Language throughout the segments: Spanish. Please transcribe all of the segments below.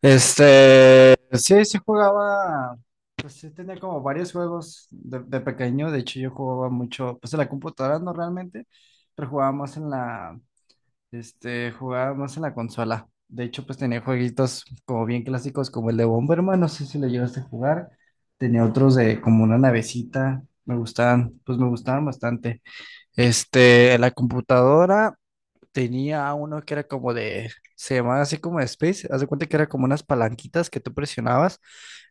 Sí, jugaba, pues sí tenía como varios juegos de pequeño, de hecho yo jugaba mucho, pues en la computadora no realmente, pero jugaba más jugaba más en la consola. De hecho, pues tenía jueguitos como bien clásicos como el de Bomberman, no sé si lo llegaste a jugar. Tenía otros de como una navecita, me gustaban, pues me gustaban bastante. En la computadora. Tenía uno que era como se llamaba así como de Space, haz de cuenta que era como unas palanquitas que tú presionabas.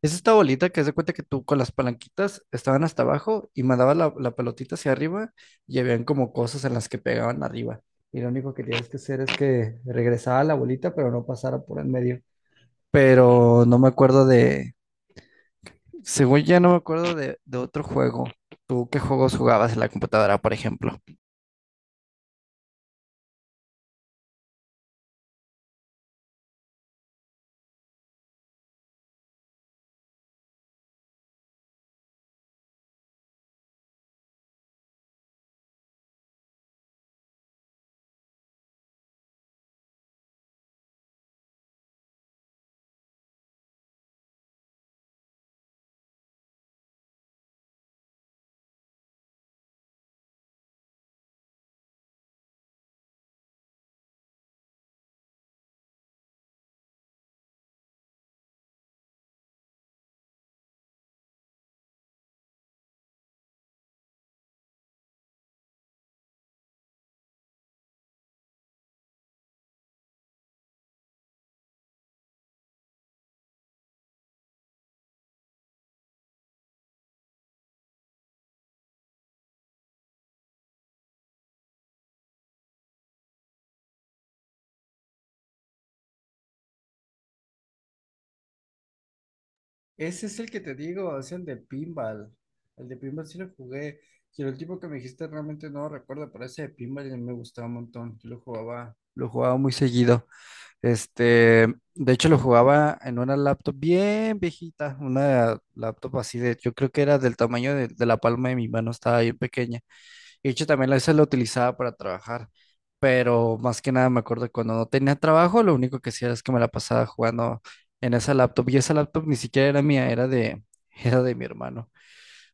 Es esta bolita que haz de cuenta que tú con las palanquitas estaban hasta abajo y mandabas la pelotita hacia arriba y habían como cosas en las que pegaban arriba. Y lo único que tienes que hacer es que regresaba la bolita, pero no pasara por en medio. Pero no me acuerdo de, según ya no me acuerdo de otro juego. ¿Tú qué juegos jugabas en la computadora, por ejemplo? Ese es el que te digo, es el de pinball. El de pinball sí lo jugué. Si el tipo que me dijiste realmente no lo recuerdo, pero ese de pinball ya me gustaba un montón. Yo lo jugaba muy seguido. Este, de hecho lo jugaba en una laptop bien viejita, una laptop así de, yo creo que era del tamaño de la palma de mi mano, estaba bien pequeña. Y de hecho, también a veces lo utilizaba para trabajar, pero más que nada me acuerdo que cuando no tenía trabajo, lo único que hacía es que me la pasaba jugando en esa laptop y esa laptop ni siquiera era mía, era de, era de mi hermano.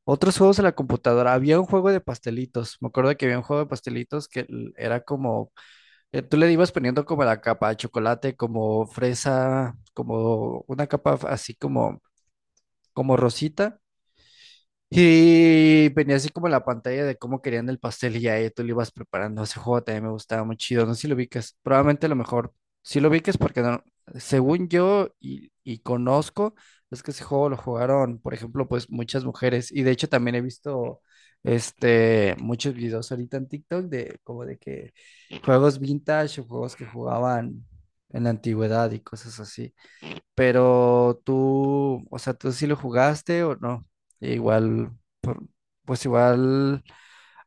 Otros juegos en la computadora, había un juego de pastelitos, me acuerdo que había un juego de pastelitos era como, tú le ibas poniendo como la capa de chocolate, como fresa, como una capa así como, como rosita. Y venía así como la pantalla de cómo querían el pastel y ya ahí tú lo ibas preparando. Ese juego también me gustaba muy chido. No sé si lo ubiques. Probablemente a lo mejor. Si lo ubiques porque según yo y conozco, es que ese juego lo jugaron, por ejemplo, pues muchas mujeres. Y de hecho también he visto muchos videos ahorita en TikTok de como de que juegos vintage o juegos que jugaban en la antigüedad y cosas así. Pero tú, o sea, ¿tú sí lo jugaste o no? Igual pues igual,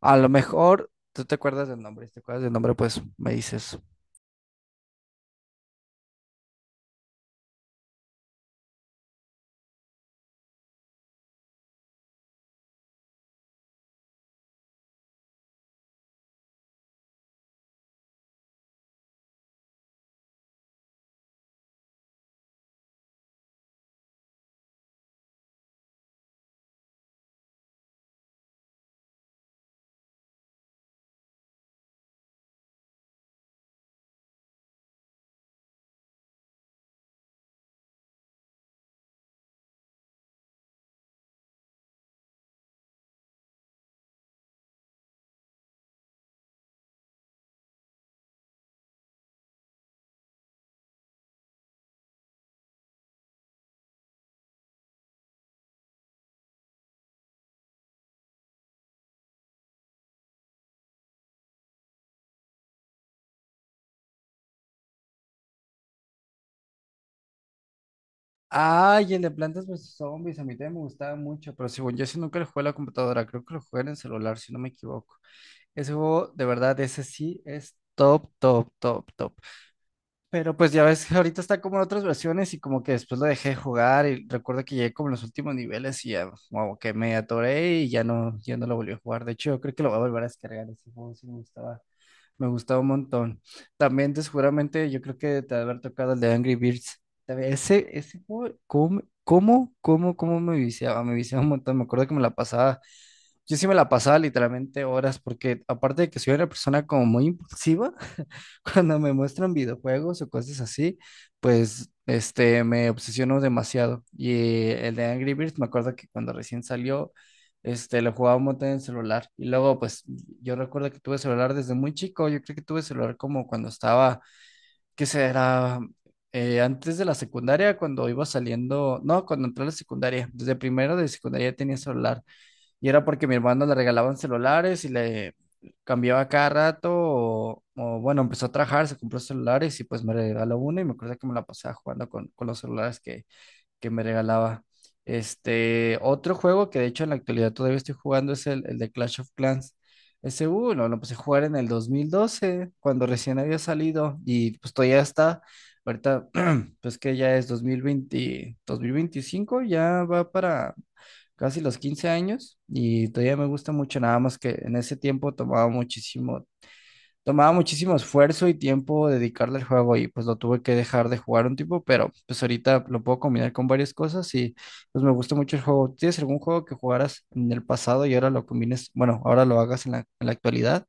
a lo mejor tú te acuerdas del nombre, si te acuerdas del nombre, pues me dices. Ay, el de Plantas versus Zombies, a mí también me gustaba mucho, pero según yo sí nunca lo jugué en la computadora, creo que lo jugué en el celular, si no me equivoco. Ese juego, de verdad, ese sí es top, top, top, top. Pero pues ya ves que ahorita está como en otras versiones y como que después lo dejé de jugar y recuerdo que llegué como en los últimos niveles y ya como que me atoré y ya no, ya no lo volví a jugar. De hecho, yo creo que lo voy a volver a descargar ese juego, sí me gustaba. Me gustaba un montón. También, seguramente, yo creo que te ha de haber tocado el de Angry Birds. También, ese juego, ¿cómo me viciaba? Me viciaba un montón. Me acuerdo que me la pasaba. Yo sí me la pasaba literalmente horas, porque aparte de que soy una persona como muy impulsiva, cuando me muestran videojuegos o cosas así, pues me obsesiono demasiado. Y el de Angry Birds, me acuerdo que cuando recién salió, lo jugaba un montón en celular. Y luego, pues, yo recuerdo que tuve celular desde muy chico. Yo creo que tuve celular como cuando estaba, ¿qué será? Antes de la secundaria, cuando iba saliendo, no, cuando entré a la secundaria, desde primero de secundaria tenía celular. Y era porque mi hermano le regalaban celulares y le cambiaba cada rato. Bueno, empezó a trabajar, se compró celulares y pues me regaló uno. Y me acuerdo que me la pasaba jugando con los celulares que me regalaba. Otro juego que de hecho en la actualidad todavía estoy jugando es el de Clash of Clans. Ese, lo empecé a jugar en el 2012 cuando recién había salido, y pues todavía está, ahorita, pues que ya es 2020, 2025, ya va para casi los 15 años, y todavía me gusta mucho, nada más que en ese tiempo tomaba muchísimo tomaba muchísimo esfuerzo y tiempo dedicarle al juego y pues lo tuve que dejar de jugar un tiempo, pero pues ahorita lo puedo combinar con varias cosas y pues me gusta mucho el juego. ¿Tienes algún juego que jugaras en el pasado y ahora lo combines, bueno, ahora lo hagas en en la actualidad?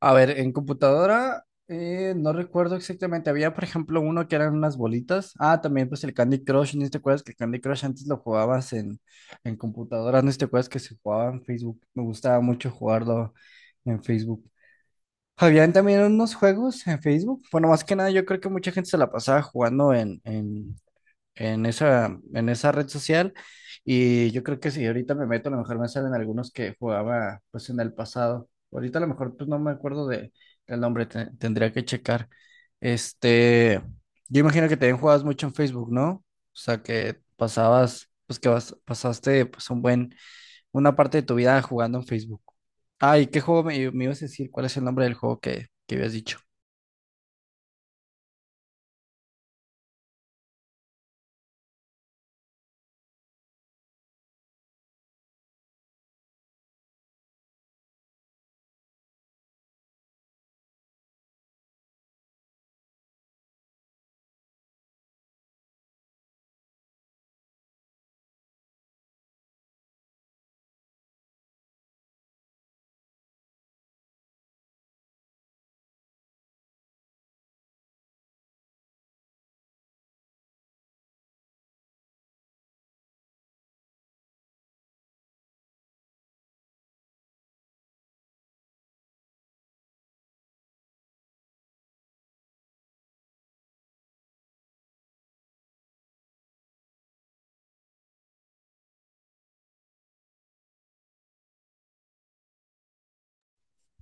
A ver, en computadora no recuerdo exactamente. Había, por ejemplo, uno que eran unas bolitas. Ah, también pues el Candy Crush. ¿No te acuerdas que el Candy Crush antes lo jugabas en computadora? ¿No te acuerdas que se jugaba en Facebook? Me gustaba mucho jugarlo en Facebook. Habían también unos juegos en Facebook. Bueno, más que nada, yo creo que mucha gente se la pasaba jugando en en esa red social. Y yo creo que si ahorita me meto, a lo mejor me salen algunos que jugaba pues en el pasado. Ahorita a lo mejor pues no me acuerdo de, del nombre, tendría que checar. Este, yo imagino que también jugabas mucho en Facebook, ¿no? O sea, que pasabas, pues que vas, pasaste pues un buen una parte de tu vida jugando en Facebook. Ay, ¿qué juego me ibas a decir? ¿Cuál es el nombre del juego que habías dicho?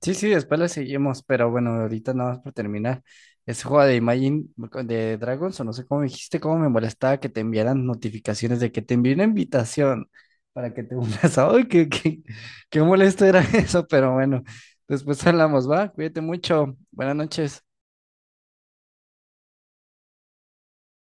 Sí, sí, después le seguimos, pero bueno, ahorita nada más para terminar. Ese juego de Imagine de Dragons, o no sé cómo me dijiste, cómo me molestaba que te enviaran notificaciones de que te envié una invitación para que te unas. Ay, qué molesto era eso, pero bueno, después hablamos, ¿va? Cuídate mucho. Buenas noches.